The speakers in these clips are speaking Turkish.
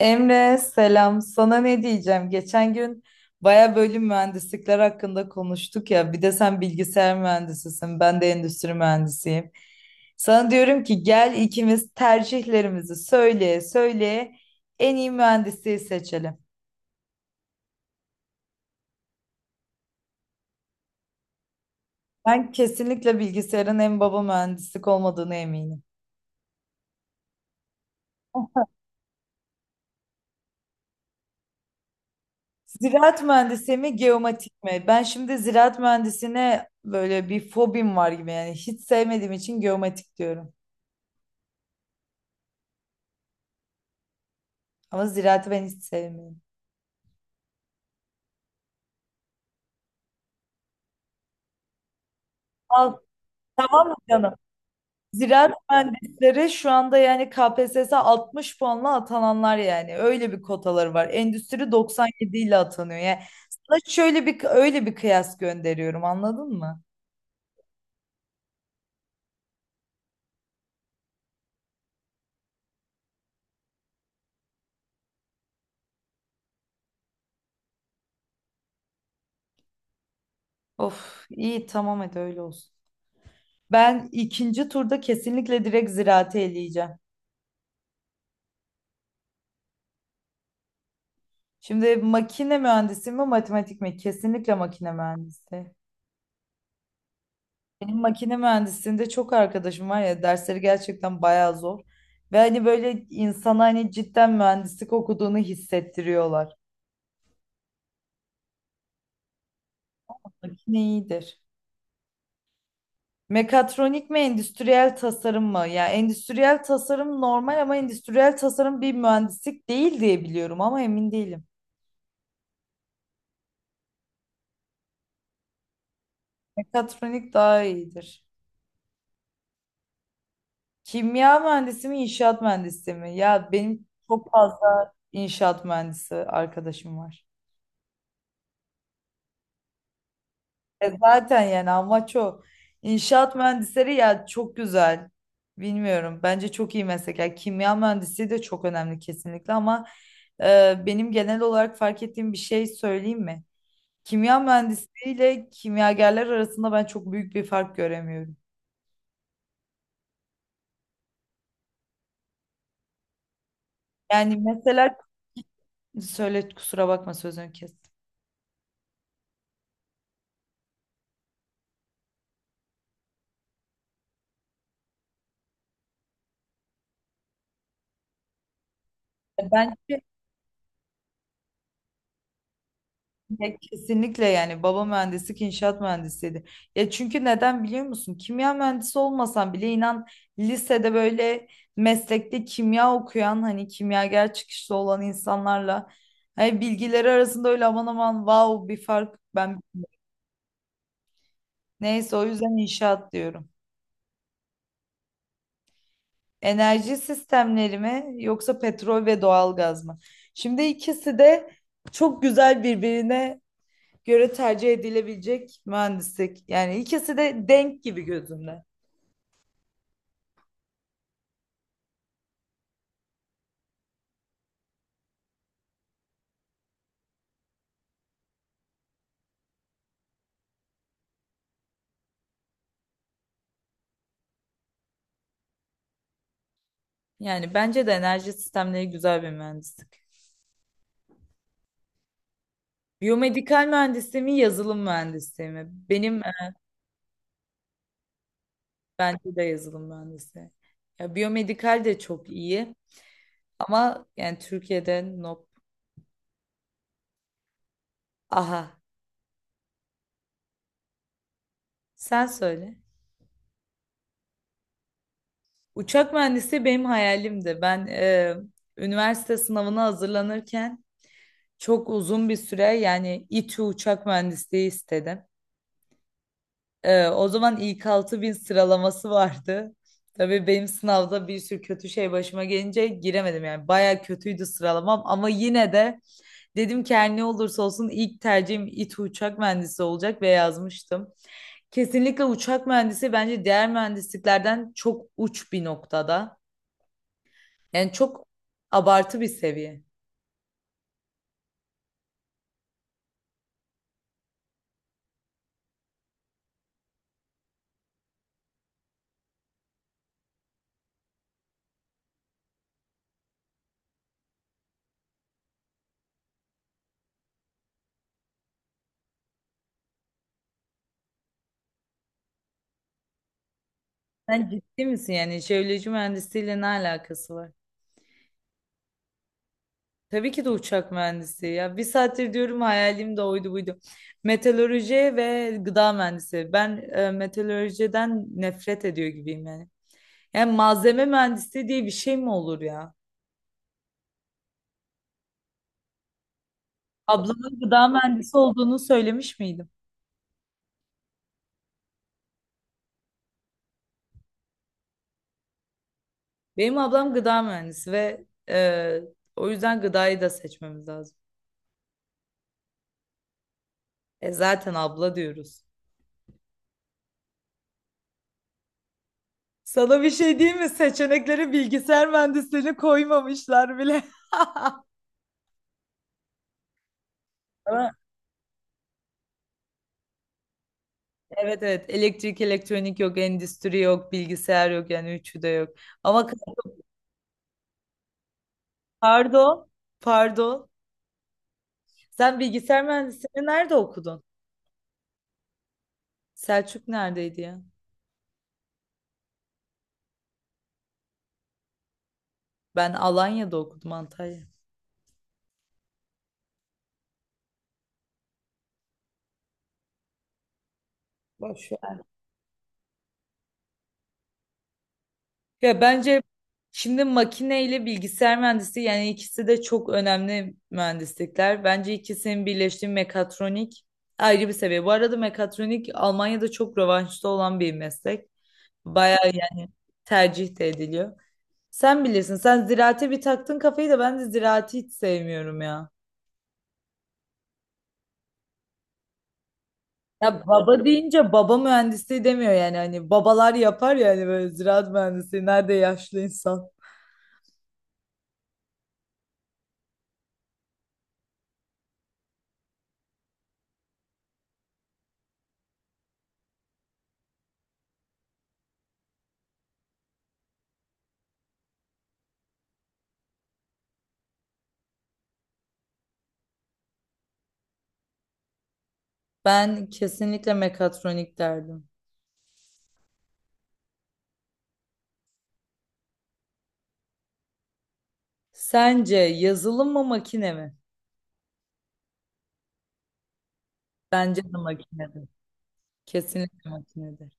Emre selam. Sana ne diyeceğim? Geçen gün baya bölüm mühendislikler hakkında konuştuk ya. Bir de sen bilgisayar mühendisisin. Ben de endüstri mühendisiyim. Sana diyorum ki gel ikimiz tercihlerimizi söyleye söyleye en iyi mühendisliği seçelim. Ben kesinlikle bilgisayarın en baba mühendislik olmadığını eminim. Ziraat mühendisi mi, geomatik mi? Ben şimdi ziraat mühendisine böyle bir fobim var gibi yani hiç sevmediğim için geomatik diyorum. Ama ziraatı ben hiç sevmiyorum. Al, tamam mı canım? Ziraat mühendisleri şu anda yani KPSS 60 puanla atananlar yani. Öyle bir kotaları var. Endüstri 97 ile atanıyor. Yani sana şöyle bir öyle bir kıyas gönderiyorum anladın mı? Of iyi tamam hadi öyle olsun. Ben ikinci turda kesinlikle direkt ziraate eleyeceğim. Şimdi makine mühendisi mi matematik mi? Kesinlikle makine mühendisi. Benim makine mühendisliğinde çok arkadaşım var ya dersleri gerçekten bayağı zor. Ve hani böyle insana hani cidden mühendislik okuduğunu hissettiriyorlar. Makine iyidir. Mekatronik mi endüstriyel tasarım mı? Ya endüstriyel tasarım normal ama endüstriyel tasarım bir mühendislik değil diye biliyorum ama emin değilim. Mekatronik daha iyidir. Kimya mühendisi mi, inşaat mühendisi mi? Ya benim çok fazla inşaat mühendisi arkadaşım var. E zaten yani amaç o. İnşaat mühendisleri ya çok güzel. Bilmiyorum. Bence çok iyi meslek. Yani kimya mühendisliği de çok önemli kesinlikle ama benim genel olarak fark ettiğim bir şey söyleyeyim mi? Kimya mühendisliği ile kimyagerler arasında ben çok büyük bir fark göremiyorum. Yani mesela söyle kusura bakma sözünü kes. Ben ya kesinlikle yani baba mühendislik inşaat mühendisiydi. Ya çünkü neden biliyor musun? Kimya mühendisi olmasan bile inan lisede böyle meslekte kimya okuyan hani kimyager çıkışlı olan insanlarla hani bilgileri arasında öyle aman aman wow bir fark ben neyse o yüzden inşaat diyorum. Enerji sistemleri mi yoksa petrol ve doğalgaz mı? Şimdi ikisi de çok güzel birbirine göre tercih edilebilecek mühendislik. Yani ikisi de denk gibi gözümde. Yani bence de enerji sistemleri güzel bir mühendislik. Biyomedikal mühendisliği mi, yazılım mühendisliği mi? Bence de yazılım mühendisliği. Ya, biyomedikal de çok iyi ama yani Türkiye'de nop. Aha, sen söyle. Uçak mühendisi benim hayalimdi. Üniversite sınavına hazırlanırken çok uzun bir süre yani İTÜ uçak mühendisliği istedim. O zaman ilk 6.000 sıralaması vardı. Tabii benim sınavda bir sürü kötü şey başıma gelince giremedim yani. Baya kötüydü sıralamam ama yine de dedim ki her ne olursa olsun ilk tercihim İTÜ uçak mühendisi olacak ve yazmıştım. Kesinlikle uçak mühendisi bence diğer mühendisliklerden çok uç bir noktada. Yani çok abartı bir seviye. Sen ciddi misin yani jeoloji mühendisliğiyle ne alakası var? Tabii ki de uçak mühendisi. Ya bir saattir diyorum hayalim de oydu buydu. Meteoroloji ve gıda mühendisi. Meteorolojiden nefret ediyor gibiyim yani. Yani malzeme mühendisi diye bir şey mi olur ya? Ablamın gıda mühendisi olduğunu söylemiş miydim? Benim ablam gıda mühendisi ve o yüzden gıdayı da seçmemiz lazım. E zaten abla diyoruz. Sana bir şey diyeyim mi? Seçeneklere bilgisayar mühendisliğini koymamışlar bile. Evet evet elektrik elektronik yok endüstri yok bilgisayar yok yani üçü de yok. Ama k- pardon pardon sen bilgisayar mühendisliğini nerede okudun? Selçuk neredeydi ya? Ben Alanya'da okudum Antalya. Boş ver. Ya bence şimdi makine ile bilgisayar mühendisliği yani ikisi de çok önemli mühendislikler. Bence ikisinin birleştiği mekatronik ayrı bir seviye. Bu arada mekatronik Almanya'da çok revaçta olan bir meslek. Bayağı yani tercih de ediliyor. Sen bilirsin. Sen ziraate bir taktın kafayı da ben de ziraati hiç sevmiyorum ya. Ya baba deyince baba mühendisliği demiyor yani. Hani babalar yapar ya hani böyle ziraat mühendisliği. Nerede yaşlı insan? Ben kesinlikle mekatronik derdim. Sence yazılım mı makine mi? Bence de makinedir. Kesinlikle makinedir.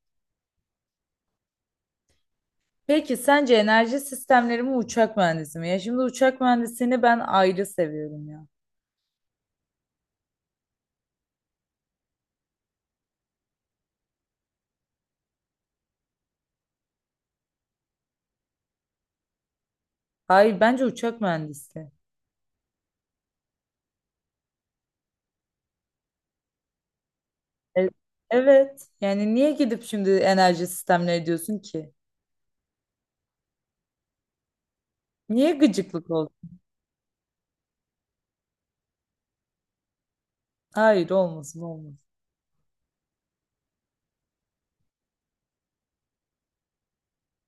Peki sence enerji sistemleri mi uçak mühendisi mi? Ya şimdi uçak mühendisini ben ayrı seviyorum ya. Hayır bence uçak mühendisi. E- evet. Yani niye gidip şimdi enerji sistemleri diyorsun ki? Niye gıcıklık oldu? Hayır olmasın olmasın.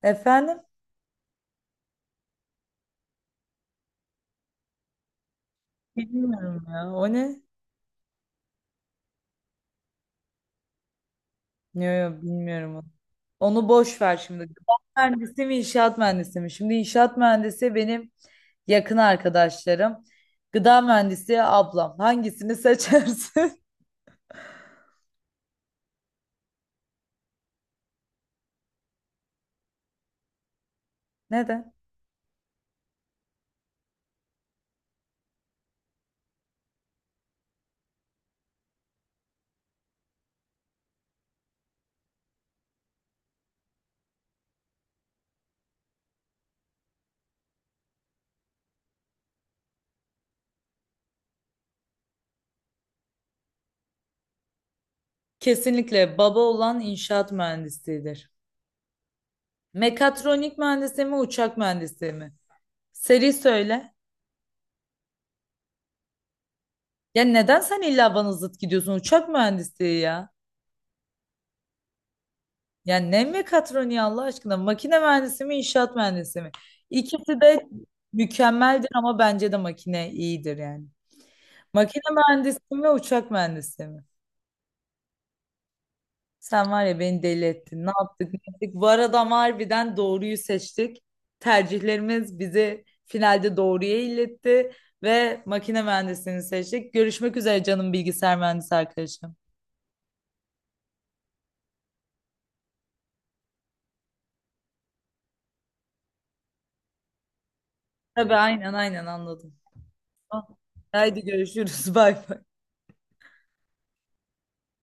Efendim? Bilmiyorum ya. O ne? Yok yok bilmiyorum onu. Onu boş ver şimdi. Gıda mühendisi mi inşaat mühendisi mi? Şimdi inşaat mühendisi benim yakın arkadaşlarım. Gıda mühendisi ablam. Hangisini seçersin? Neden? Kesinlikle baba olan inşaat mühendisidir. Mekatronik mühendisi mi, uçak mühendisi mi? Seri söyle. Ya neden sen illa bana zıt gidiyorsun? Uçak mühendisliği ya. Ya ne mekatroniği Allah aşkına? Makine mühendisi mi, inşaat mühendisi mi? İkisi de mükemmeldir ama bence de makine iyidir yani. Makine mühendisi mi, uçak mühendisi mi? Sen var ya beni deli ettin. Ne yaptık ne ettik. Bu arada ama harbiden doğruyu seçtik. Tercihlerimiz bizi finalde doğruya iletti ve makine mühendisliğini seçtik. Görüşmek üzere canım bilgisayar mühendisi arkadaşım. Tabii aynen aynen anladım. Haydi görüşürüz. Bay bay.